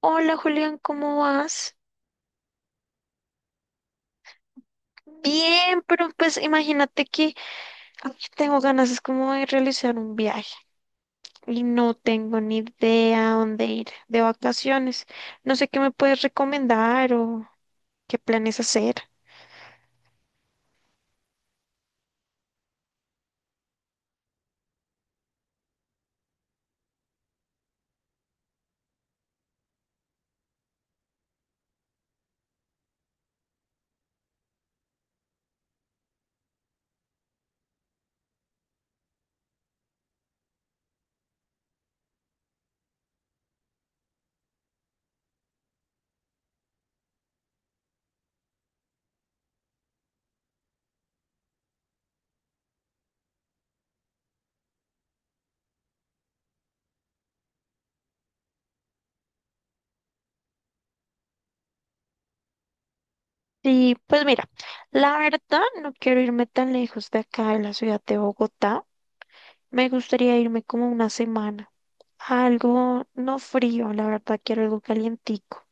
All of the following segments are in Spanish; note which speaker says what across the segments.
Speaker 1: Hola Julián, ¿cómo vas? Bien, pero pues imagínate que ay, tengo ganas, es como de realizar un viaje y no tengo ni idea a dónde ir de vacaciones. No sé qué me puedes recomendar o qué planes hacer. Y pues mira, la verdad no quiero irme tan lejos de acá, de la ciudad de Bogotá. Me gustaría irme como una semana, algo no frío, la verdad quiero algo calientico.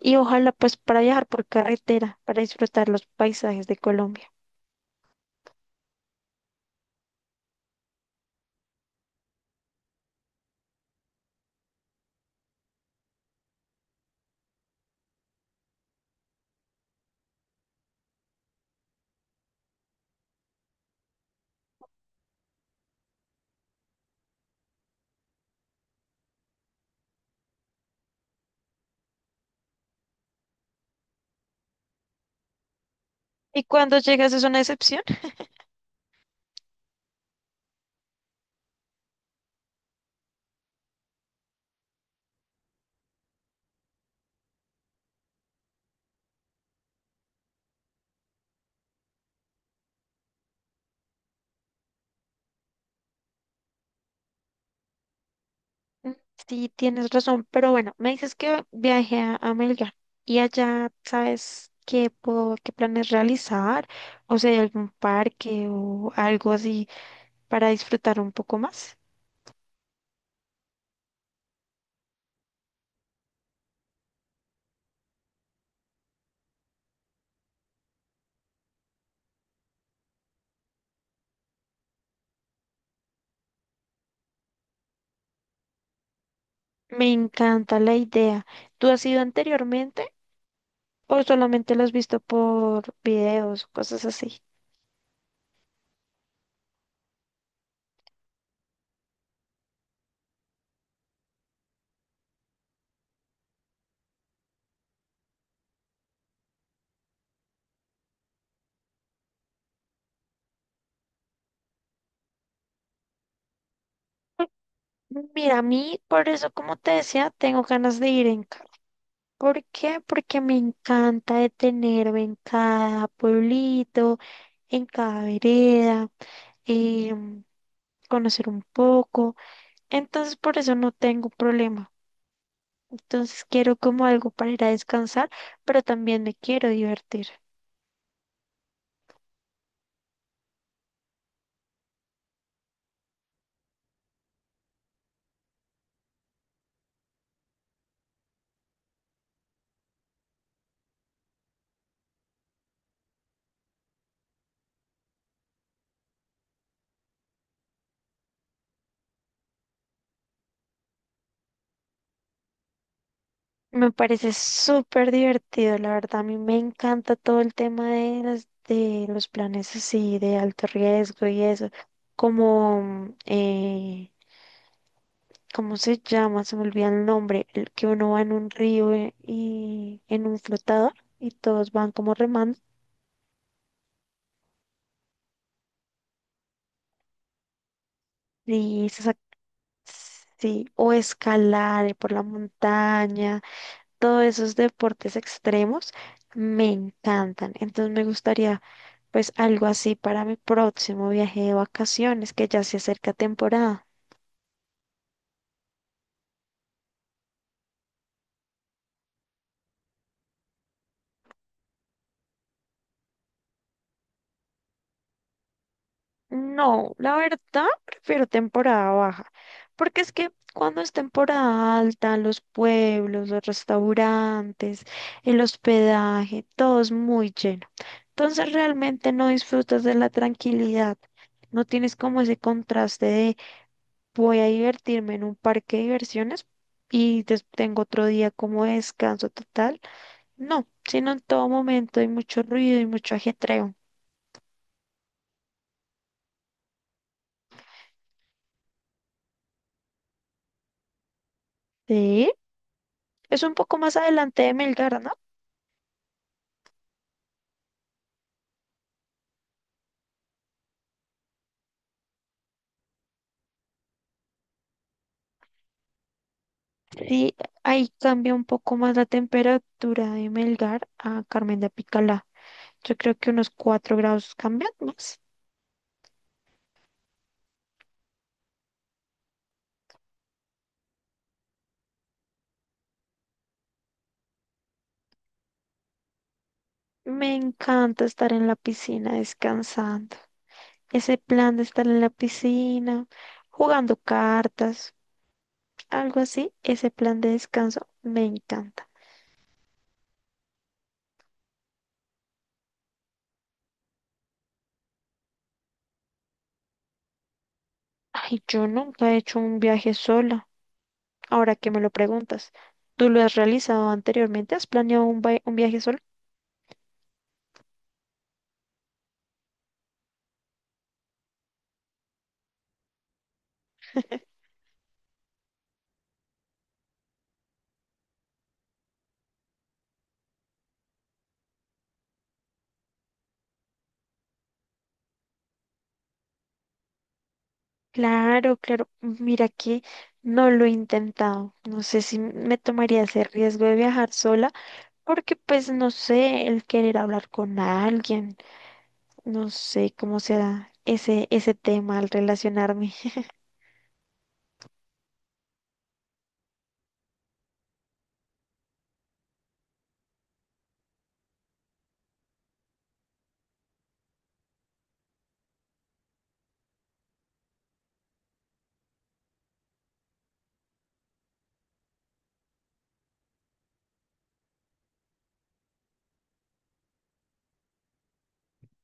Speaker 1: Y ojalá pues para viajar por carretera, para disfrutar los paisajes de Colombia. Y cuando llegas es una excepción. Mm, sí, tienes razón, pero bueno, me dices que viaje a Melgar y allá sabes qué planes realizar, o sea, algún parque o algo así para disfrutar un poco más. Me encanta la idea. ¿Tú has ido anteriormente o solamente lo has visto por videos, o cosas así? Mira, a mí, por eso, como te decía, tengo ganas de ir en carro. ¿Por qué? Porque me encanta detenerme en cada pueblito, en cada vereda, em, conocer un poco. Entonces por eso no tengo problema. Entonces quiero como algo para ir a descansar, pero también me quiero divertir. Me parece súper divertido, la verdad. A mí me encanta todo el tema de las, de los planes así de alto riesgo y eso, como ¿cómo se llama? Se me olvida el nombre, el que uno va en un río y en un flotador y todos van como remando y se sac- sí, o escalar por la montaña, todos esos deportes extremos me encantan. Entonces me gustaría pues algo así para mi próximo viaje de vacaciones que ya se acerca temporada. No, la verdad prefiero temporada baja, porque es que cuando es temporada alta, los pueblos, los restaurantes, el hospedaje, todo es muy lleno. Entonces realmente no disfrutas de la tranquilidad, no tienes como ese contraste de voy a divertirme en un parque de diversiones y tengo otro día como descanso total. No, sino en todo momento hay mucho ruido y mucho ajetreo. Sí, es un poco más adelante de Melgar, ¿no? Sí, ahí cambia un poco más la temperatura de Melgar a Carmen de Apicalá. Yo creo que unos 4 grados cambian más. Me encanta estar en la piscina descansando. Ese plan de estar en la piscina, jugando cartas, algo así, ese plan de descanso me encanta. Ay, yo nunca he hecho un viaje sola. Ahora que me lo preguntas, ¿tú lo has realizado anteriormente? ¿Has planeado un viaje sola? Claro, claro. Mira que no lo he intentado. No sé si me tomaría ese riesgo de viajar sola, porque pues no sé, el querer hablar con alguien, no sé cómo será ese tema al relacionarme.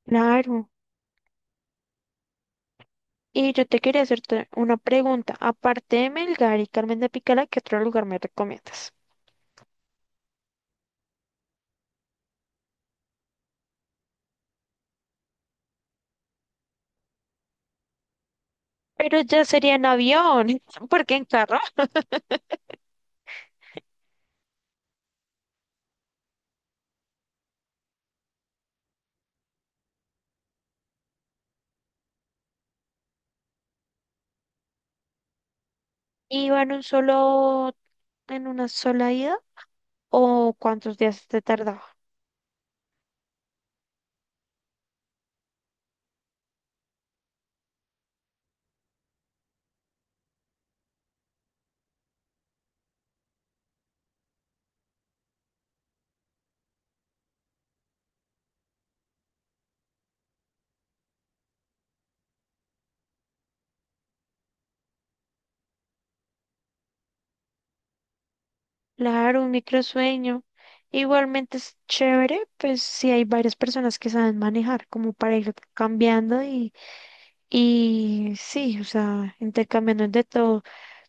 Speaker 1: Claro. Y yo te quería hacerte una pregunta. Aparte de Melgar y Carmen de Picala, ¿qué otro lugar me recomiendas? Pero ya sería en avión, porque en carro iba en un solo, en una sola ida, ¿o cuántos días te tardaba? Claro, un microsueño. Igualmente es chévere, pues si hay varias personas que saben manejar, como para ir cambiando y sí, o sea, intercambiando de todo.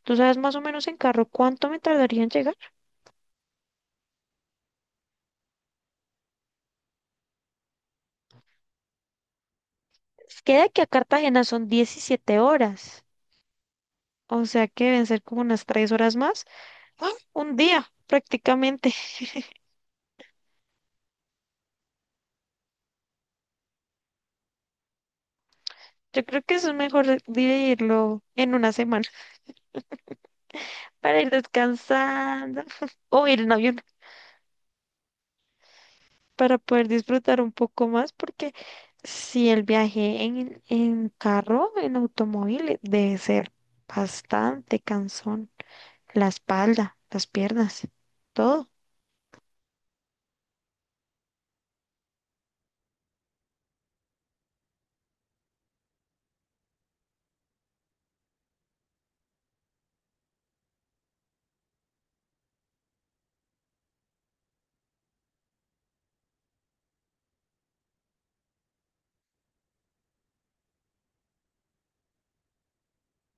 Speaker 1: ¿Tú sabes más o menos en carro cuánto me tardaría en llegar? Es que de aquí a Cartagena son 17 horas, o sea que deben ser como unas 3 horas más. ¡Ah! Un día, prácticamente. Yo creo que eso es mejor dividirlo en una semana para ir descansando o ir en avión. Para poder disfrutar un poco más, porque si el viaje en carro, en automóvil, debe ser bastante cansón. La espalda, las piernas, todo.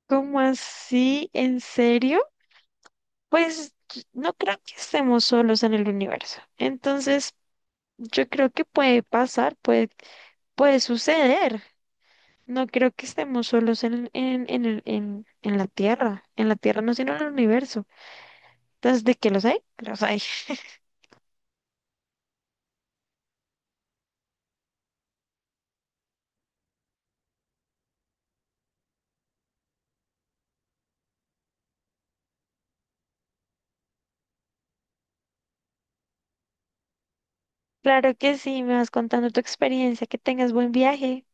Speaker 1: ¿Cómo así? ¿En serio? Pues no creo que estemos solos en el universo. Entonces, yo creo que puede pasar, puede suceder. No creo que estemos solos en la Tierra. En la Tierra no, sino en el universo. Entonces de qué los hay, los hay. Claro que sí, me vas contando tu experiencia, que tengas buen viaje.